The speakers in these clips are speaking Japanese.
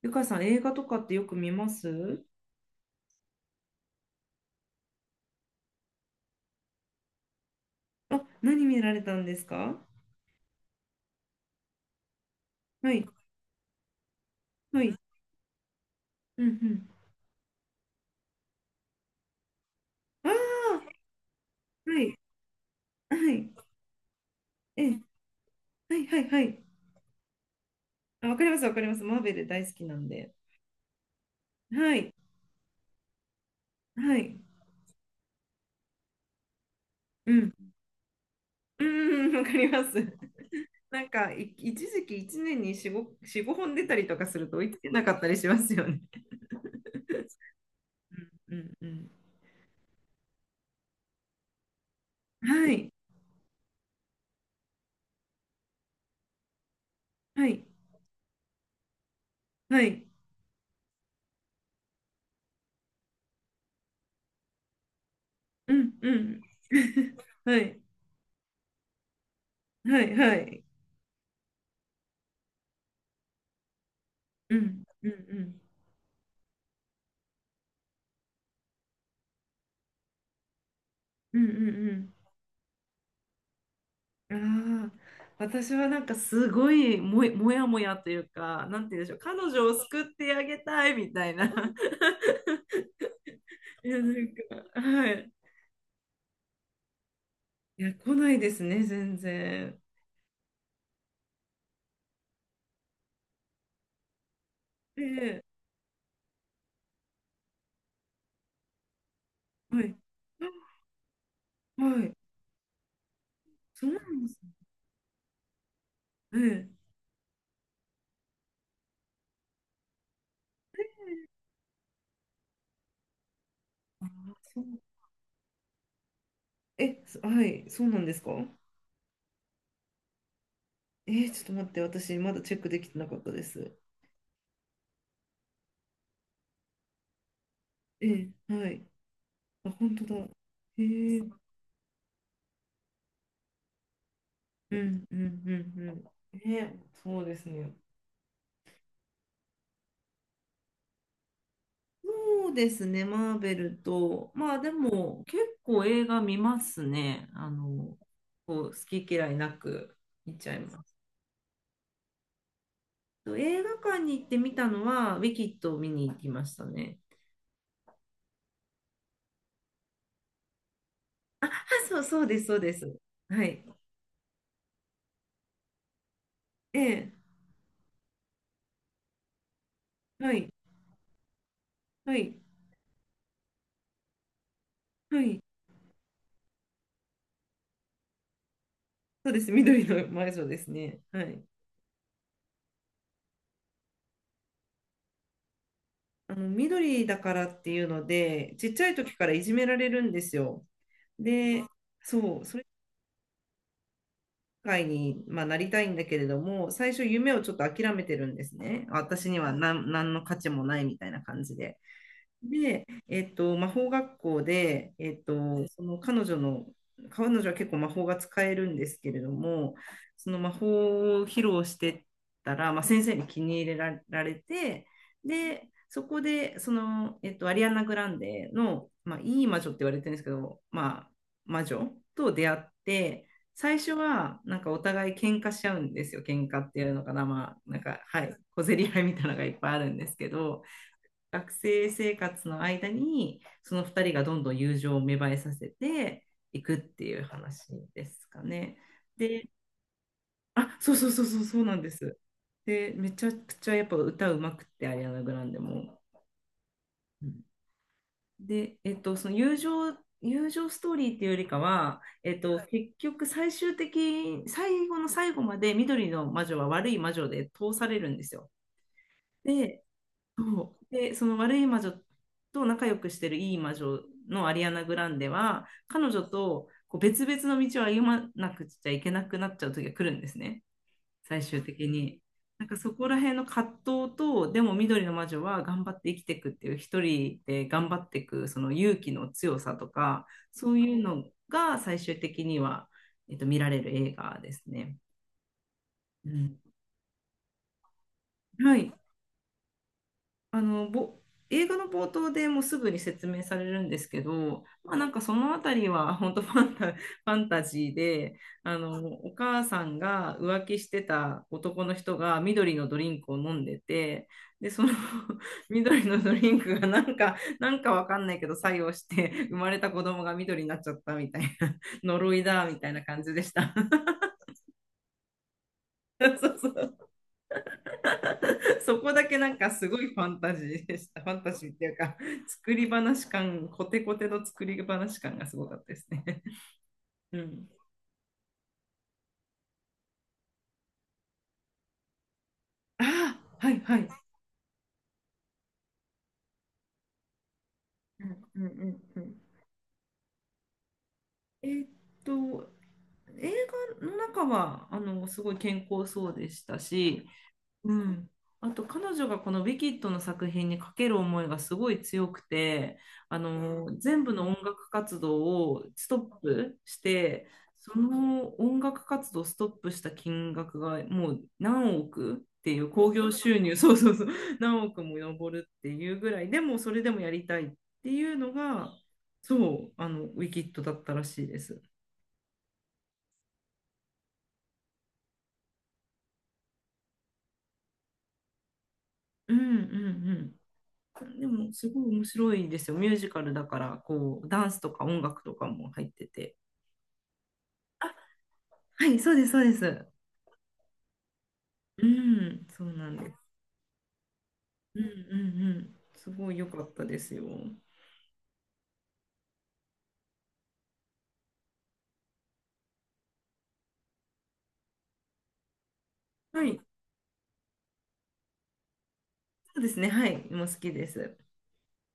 ゆかさん、映画とかってよく見ます？あ、何見られたんですか？はい、はい、うん、うん。ああ、はい、はい、ええ、はい、はい、はい。あ、わかります、わかります。マーベル大好きなんで。はい、はい、うん、うん、うん、わかります。なんか、一時期一年に4、5、4、5本出たりとかすると追いつけなかったりしますよね。うん、うん。はい、はい、はい、うん、うん。はい、はい、はい。うん、うん、うん、うん、うん、うん。ああ、私はなんかすごいもやもやもやというか、なんて言うんでしょう、彼女を救ってあげたいみたいな。いや、なんか、はい。いや、来ないですね、全然。ええ、はい。あ、はい。そうなんですね。ええ、あ、そう、え、はい、そうなんですか？えー、ちょっと待って、私、まだチェックできてなかったです。ええ、はい。あ、本当だ。ええ、うん、うん、うん、うん。ええ、そうですね。そうですね、マーベルと、まあでも結構映画見ますね、あの、こう好き嫌いなく見ちゃいます。と、映画館に行って見たのは、ウィキッドを見に行きましたね。あ、そう、そうです、そうです。はい。ええ、はい、はい、はい。そうです、緑の魔女ですね。はい。あの、緑だからっていうので、ちっちゃい時からいじめられるんですよ。で、そう、界に、まあ、なりたいんだけれども、最初夢をちょっと諦めてるんですね。私には何の価値もないみたいな感じで。で、魔法学校で、その彼女の、彼女は結構魔法が使えるんですけれども、その魔法を披露してたら、まあ、先生に気に入れらられて、で、そこで、その、アリアナ・グランデの、まあ、いい魔女って言われてるんですけど、まあ、魔女と出会って、最初は、なんかお互い喧嘩しちゃうんですよ。喧嘩っていうのかな、まあ、なんか、はい、小競り合いみたいなのがいっぱいあるんですけど、学生生活の間に、その2人がどんどん友情を芽生えさせていくっていう話ですかね。で、あ、そうそうそうそうそうなんです。で、めちゃくちゃやっぱ歌うまくって、アリアナ・グランデも。うん。で、その友情ストーリーっていうよりかは、結局最終的、最後の最後まで緑の魔女は悪い魔女で通されるんですよ。で、そうで、その悪い魔女と仲良くしてるいい魔女のアリアナ・グランデは、彼女とこう別々の道を歩まなくちゃいけなくなっちゃう時が来るんですね、最終的に。なんかそこら辺の葛藤と、でも緑の魔女は頑張って生きていくっていう、一人で頑張っていくその勇気の強さとか、そういうのが最終的には、見られる映画ですね。うん、はい。あの、映画の冒頭でもうすぐに説明されるんですけど、まあ、なんかそのあたりは 本当ファンタジーで、あの、お母さんが浮気してた男の人が緑のドリンクを飲んでて、で、その 緑のドリンクがなんか、なんかわかんないけど作用して生まれた子供が緑になっちゃったみたいな、呪いだみたいな感じでした。そうそう。 そこだけなんかすごいファンタジーでした。ファンタジーっていうか、作り話感、コテコテの作り話感がすごかったですね。うん、ああ、はい、はい。うん、うん、うん、うん、えーっと、映画の中はあのすごい健康そうでしたし、うん。あと彼女がこの「ウィキッド」の作品にかける思いがすごい強くて、あの全部の音楽活動をストップして、その音楽活動をストップした金額がもう何億っていう興行収入、そうそうそう、何億も上るっていうぐらい、でもそれでもやりたいっていうのが、そう、あのウィキッドだったらしいです。うん、うん。でもすごい面白いですよ。ミュージカルだから、こう、ダンスとか音楽とかも入ってて。はい、そうです、そうです。うん、そうなんです。うん、うん、うん。すごい良かったですよ。はい、そうですね。はい、もう好きです。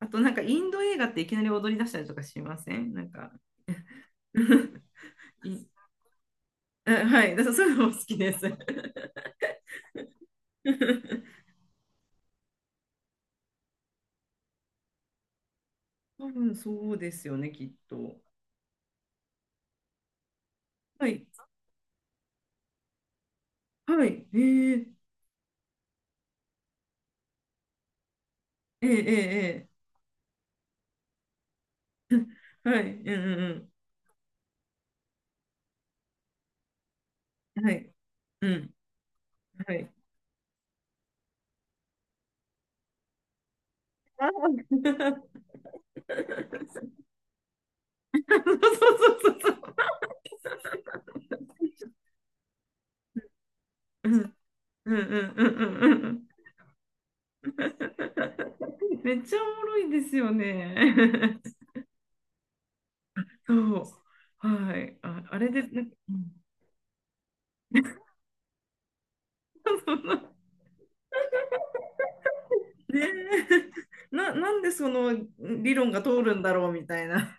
あと、なんかインド映画っていきなり踊り出したりとかしません？なんか。いあ、はい、だからそういうのも好きです。多分そうですよね、きっと。はい、はい、えー、えー、えー、えー、はい、うん、うん、うん。はい、うん。はい。あー。 そうそうそうそうそう。うん、うん、うん、うん、うん、うん、うん。めっちゃおもろいですよね。そう。はい。あ、あれで、なんかうん。 そのねえ、なんでその理論が通るんだろうみたいな。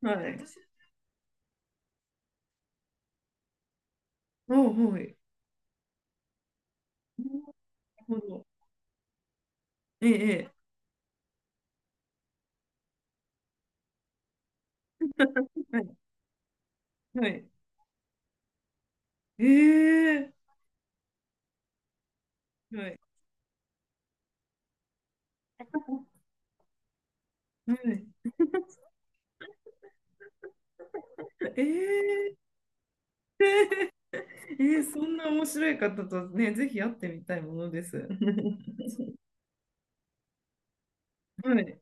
はい。おう、はい。なるほど。ええ、ええ、はい。はい。ええ、はい。はい。ええ、えええー、そんな面白い方とね、ぜひ会ってみたいものです。はい。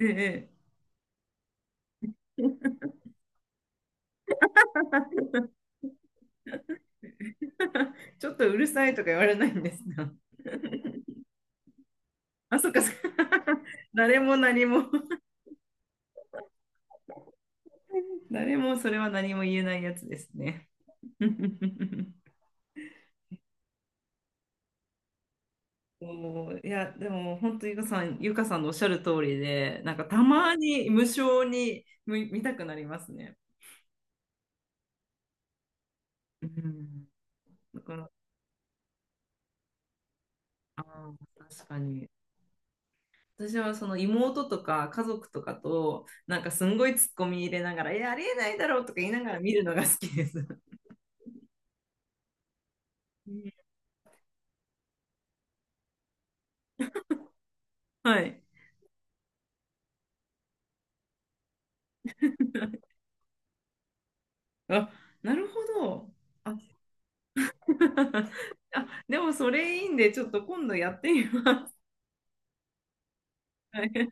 ええ。ええ。 ちょっとうるさいとか言われないんですか？あ、そっか、そっか。 誰も何も。 誰もそれは何も言えないやつですね。おー、いや、でも本当ゆかさん、ゆかさんのおっしゃる通りで、なんかたまに無性に見たくなりますね。うん。だから、ああ、確かに。私はその妹とか家族とかとなんかすんごいツッコミ入れながら「えありえないだろ」とか言いながら見るのが好きです。はい。あ、なるほど。あ、あ、でもそれいいんでちょっと今度やってみます。はい